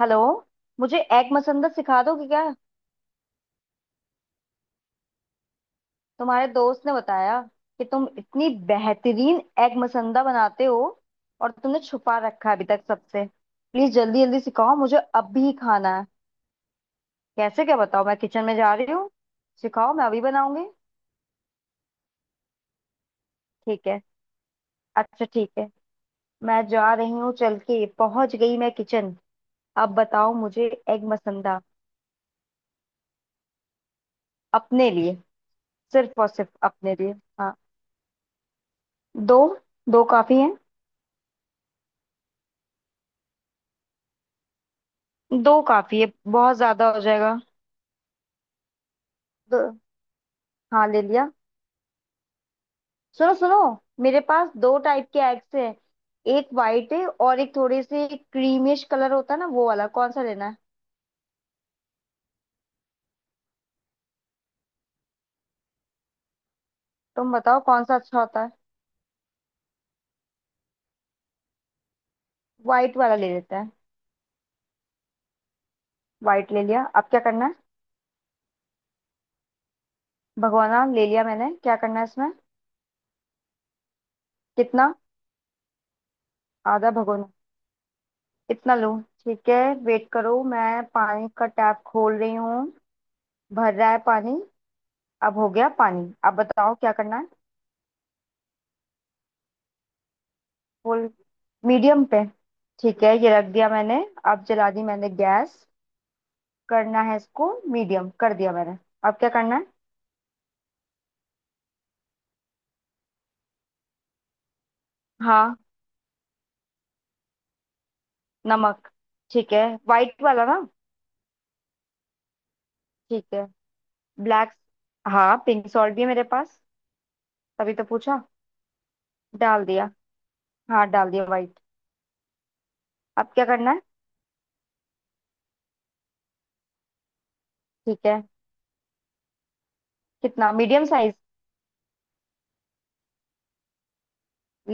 Hello. मुझे egg मसंदत सिखा दोगे क्या? तुम्हारे दोस्त ने बताया कि तुम इतनी बेहतरीन एग मसंदा बनाते हो, और तुमने छुपा रखा है अभी तक सबसे। प्लीज जल्दी जल्दी सिखाओ, मुझे अभी खाना है। कैसे क्या बताओ, मैं किचन में जा रही हूँ। सिखाओ, मैं अभी बनाऊंगी। ठीक है। अच्छा, ठीक है, मैं जा रही हूँ। चल के पहुंच गई मैं किचन। अब बताओ मुझे एग मसंदा। अपने लिए। सिर्फ और सिर्फ अपने लिए। हाँ। दो। दो काफी है। दो काफी है, बहुत ज्यादा हो जाएगा। दो। हाँ, ले लिया। सुनो सुनो, मेरे पास दो टाइप के एग्स हैं। एक वाइट है और एक थोड़े से क्रीमिश कलर होता है ना, वो वाला कौन सा लेना है? तुम बताओ कौन सा अच्छा होता है। वाइट वाला ले लेते हैं। वाइट ले लिया, अब क्या करना है? भगोना ले लिया मैंने, क्या करना है इसमें? कितना? आधा भगोना? इतना लूं, ठीक है? वेट करो, मैं पानी का टैप खोल रही हूँ। भर रहा है पानी। अब हो गया पानी, अब बताओ क्या करना है? फुल। मीडियम पे। ठीक है, ये रख दिया मैंने। अब जला दी मैंने गैस। करना है इसको, मीडियम कर दिया मैंने। अब क्या करना है? हाँ, नमक। ठीक है। वाइट वाला ना? ठीक है। ब्लैक। हाँ, पिंक सॉल्ट भी है मेरे पास, तभी तो पूछा। डाल दिया। हाँ, डाल दिया वाइट। अब क्या करना है? ठीक है। कितना? Medium size?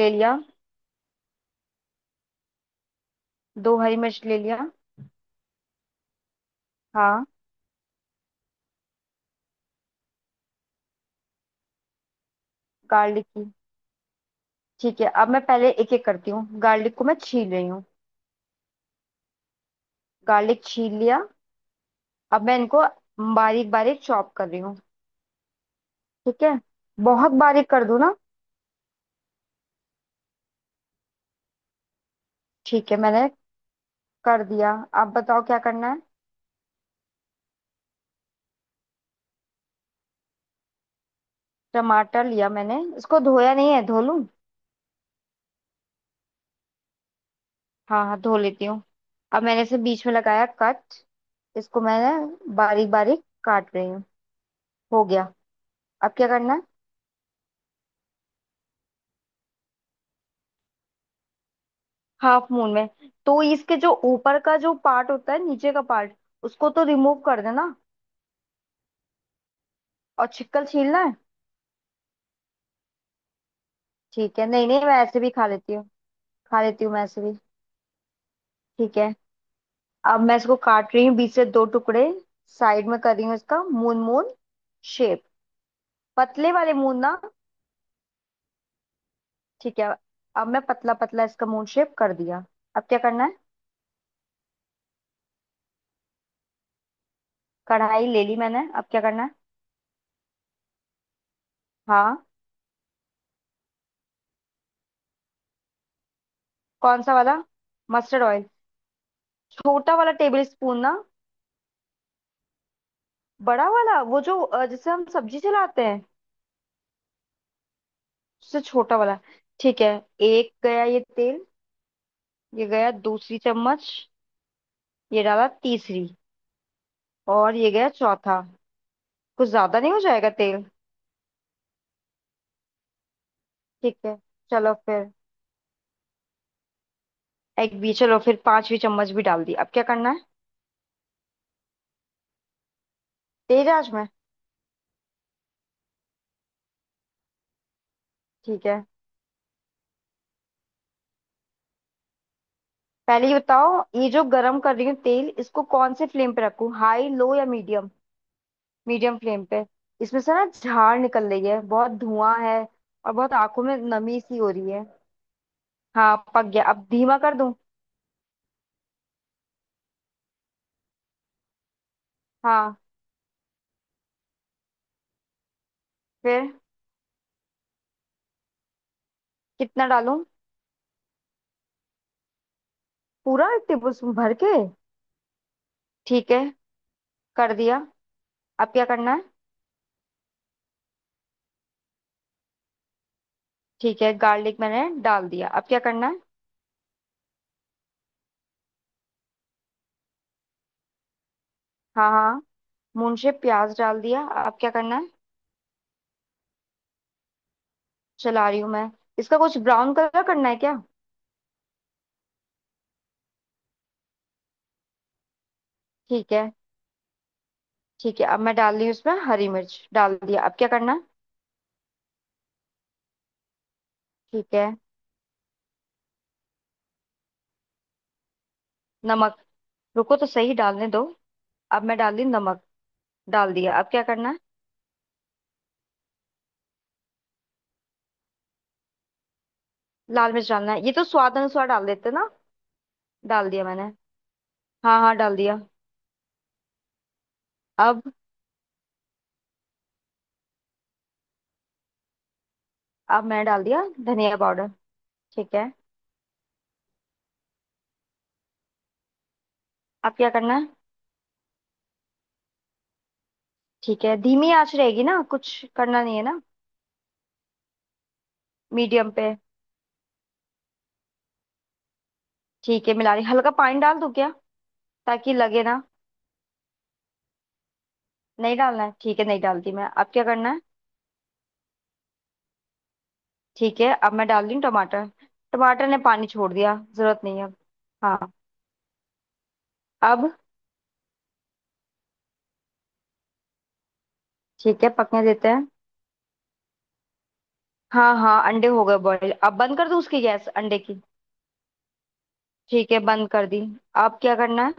ले लिया। दो हरी मिर्च ले लिया। हाँ। गार्लिक की? ठीक है, अब मैं पहले एक एक करती हूँ, गार्लिक को मैं छील रही हूँ। गार्लिक छील लिया। अब मैं इनको बारीक बारीक चॉप कर रही हूँ। ठीक है। बहुत बारीक कर दूँ ना? ठीक है, मैंने कर दिया। अब बताओ क्या करना है। टमाटर लिया मैंने, इसको धोया नहीं है, धो लूँ? हाँ हाँ, धो लेती हूँ। अब मैंने इसे बीच में लगाया कट। इसको मैंने बारीक बारीक काट रही हूँ। हो गया, अब क्या करना है? हाफ मून में? तो इसके जो ऊपर का जो पार्ट होता है, नीचे का पार्ट, उसको तो रिमूव कर देना। और छिक्कल छीलना है? ठीक है। नहीं नहीं, मैं ऐसे भी खा लेती हूँ। खा लेती हूँ मैं ऐसे भी। ठीक है। अब मैं इसको काट रही हूँ बीच से दो टुकड़े। साइड में कर रही हूँ इसका मून मून शेप। पतले वाले मून ना? ठीक है, अब मैं पतला पतला इसका मून शेप कर दिया। अब क्या करना है? कढ़ाई ले ली मैंने, अब क्या करना है? हाँ। कौन सा वाला? Mustard oil? छोटा वाला टेबल स्पून ना? बड़ा वाला, वो जो जिससे हम सब्जी चलाते हैं। उससे छोटा वाला? ठीक है। एक गया ये तेल। ये गया दूसरी चम्मच। ये डाला तीसरी। और ये गया चौथा। कुछ ज्यादा नहीं हो जाएगा तेल? ठीक है, चलो फिर। एग भी, चलो फिर पांचवी चम्मच भी डाल दी। अब क्या करना है? तेज आंच में? ठीक है, पहले ये बताओ, ये जो गरम कर रही हूँ तेल, इसको कौन से फ्लेम पे रखूँ, हाई, लो या मीडियम? मीडियम फ्लेम पे? इसमें से ना झाड़ निकल रही है, बहुत धुआं है। और बहुत आंखों में नमी सी हो रही है। हाँ पक गया, अब धीमा कर दूं? हाँ। फिर? कितना डालूं? पूरा 1 टेबल स्पून भर के? ठीक है, कर दिया। अब क्या करना है? ठीक है, गार्लिक मैंने डाल दिया। अब क्या करना है? हाँ हाँ, मून शेप प्याज डाल दिया। अब क्या करना है? चला रही हूँ मैं। इसका कुछ ब्राउन कलर करना है क्या? ठीक है। ठीक है, अब मैं डाल रही हूँ इसमें हरी मिर्च। डाल दिया, अब क्या करना है? ठीक है। नमक? रुको तो सही, डालने दो। अब मैं डाल दी नमक। डाल दिया, अब क्या करना है? लाल मिर्च डालना है? ये तो स्वाद अनुसार डाल देते ना। डाल दिया मैंने। हाँ हाँ, डाल दिया। अब? अब मैंने डाल दिया धनिया पाउडर। ठीक है, अब क्या करना है? ठीक है, धीमी आंच रहेगी ना, कुछ करना नहीं है ना? मीडियम पे? ठीक है, मिला रही। हल्का पानी डाल दूं क्या, ताकि लगे ना? नहीं डालना है, ठीक है, नहीं डालती मैं। अब क्या करना है? ठीक है, अब मैं डाल रही हूँ टमाटर। टमाटर ने पानी छोड़ दिया, जरूरत नहीं है अब। हाँ। अब? ठीक है, पकने देते हैं। हाँ हाँ, अंडे हो गए बॉईल, अब बंद कर दूँ उसकी गैस, अंडे की? ठीक है, बंद कर दी। अब क्या करना है?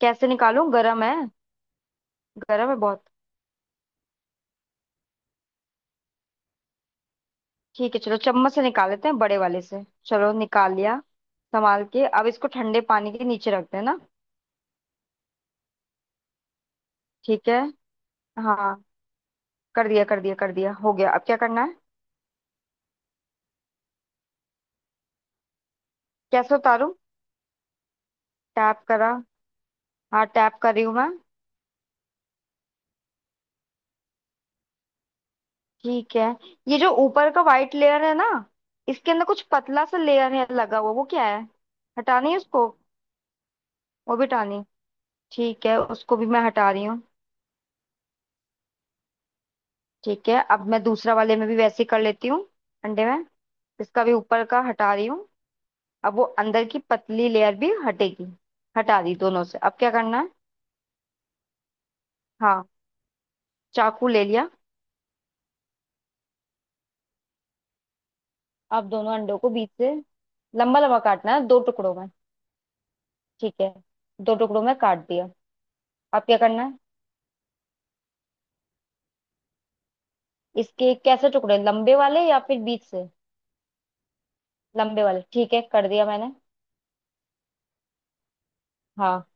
कैसे निकालूं, गरम है? गरम है बहुत। ठीक है, चलो चम्मच से निकाल लेते हैं बड़े वाले से। चलो, निकाल लिया। संभाल के, अब इसको ठंडे पानी के नीचे रखते हैं ना? ठीक है। हाँ। कर दिया कर दिया कर दिया, हो गया। अब क्या करना है? कैसे उतारूं? टैप करा? हाँ, टैप कर रही हूँ मैं। ठीक है, ये जो ऊपर का वाइट लेयर है ना, इसके अंदर कुछ पतला सा लेयर है लगा हुआ, वो क्या है? हटानी है उसको? वो भी हटानी? ठीक है, उसको भी मैं हटा रही हूँ। ठीक है, अब मैं दूसरा वाले में भी वैसे ही कर लेती हूँ, अंडे में। इसका भी ऊपर का हटा रही हूँ। अब वो अंदर की पतली लेयर भी हटेगी। हटा दी दोनों से, अब क्या करना है? हाँ, चाकू ले लिया। अब दोनों अंडों को बीच से लंबा लंबा काटना है, दो टुकड़ों में? ठीक है, दो टुकड़ों में काट दिया। अब क्या करना है? इसके कैसे टुकड़े, लंबे वाले या फिर बीच से? लंबे वाले, ठीक है, कर दिया मैंने। हाँ।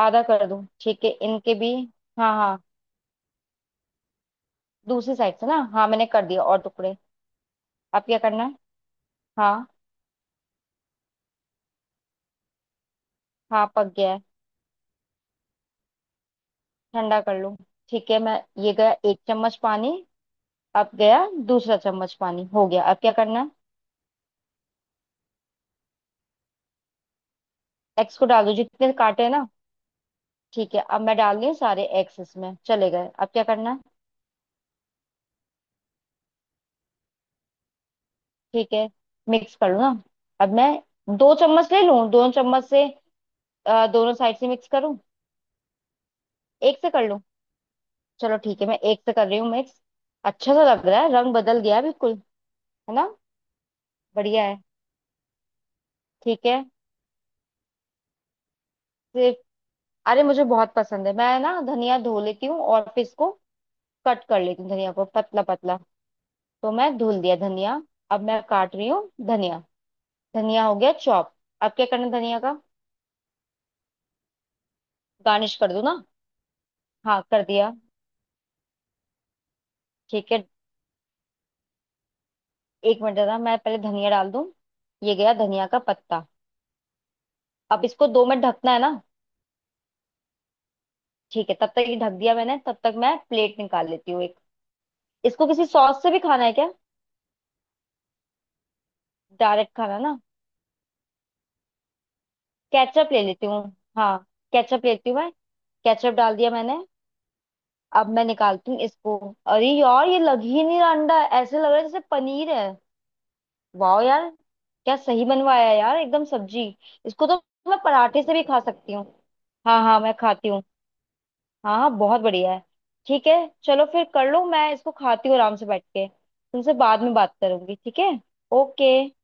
आधा कर दूं, ठीक है, इनके भी? हाँ हाँ। दूसरी साइड से ना, हाँ मैंने कर दिया और टुकड़े। अब क्या करना है? हाँ हाँ, पक गया है। ठंडा कर लूं, ठीक है मैं। ये गया 1 चम्मच पानी। अब गया दूसरा चम्मच पानी। हो गया, अब क्या करना है? एग्स को डाल दो जितने काटे हैं ना? ठीक है, अब मैं डाल रही हूँ सारे एग्स, इसमें चले गए। अब क्या करना है? ठीक है, मिक्स कर लूँ ना? अब मैं 2 चम्मच ले लूँ, 2 चम्मच से दोनों साइड से मिक्स करूं? एक से कर लूं? चलो ठीक है, मैं एक से कर रही हूँ मिक्स। अच्छा सा लग रहा है, रंग बदल गया बिल्कुल, है ना? बढ़िया है। ठीक है। सिर्फ? अरे मुझे बहुत पसंद है, मैं ना धनिया धो लेती हूँ और फिर इसको कट कर लेती हूँ धनिया को पतला पतला। तो मैं धुल दिया धनिया। अब मैं काट रही हूँ धनिया। धनिया हो गया चॉप। अब क्या करना है धनिया का? गार्निश कर दूं ना? हाँ, कर दिया। ठीक है, 1 मिनट ना, मैं पहले धनिया डाल दूं। ये गया धनिया का पत्ता। अब इसको 2 मिनट ढकना है ना? ठीक है, तब तक ये ढक दिया मैंने, तब तक मैं प्लेट निकाल लेती हूँ एक। इसको किसी सॉस से भी खाना है क्या? डायरेक्ट खाना ना। केचप ले लेती हूँ। हाँ, केचप लेती हूँ मैं। केचप डाल दिया मैंने। अब मैं निकालती हूँ इसको। अरे यार, ये लग ही नहीं रहा अंडा, ऐसे लग रहा है जैसे पनीर है। वाह यार। क्या सही बनवाया है यार, एकदम सब्जी। इसको तो मैं पराठे से भी खा सकती हूँ। हाँ हाँ, मैं खाती हूँ। हाँ हाँ, बहुत बढ़िया है। ठीक है, चलो फिर, कर लो मैं इसको खाती हूँ आराम से बैठ के, तुमसे बाद में बात करूंगी, ठीक है। ओके।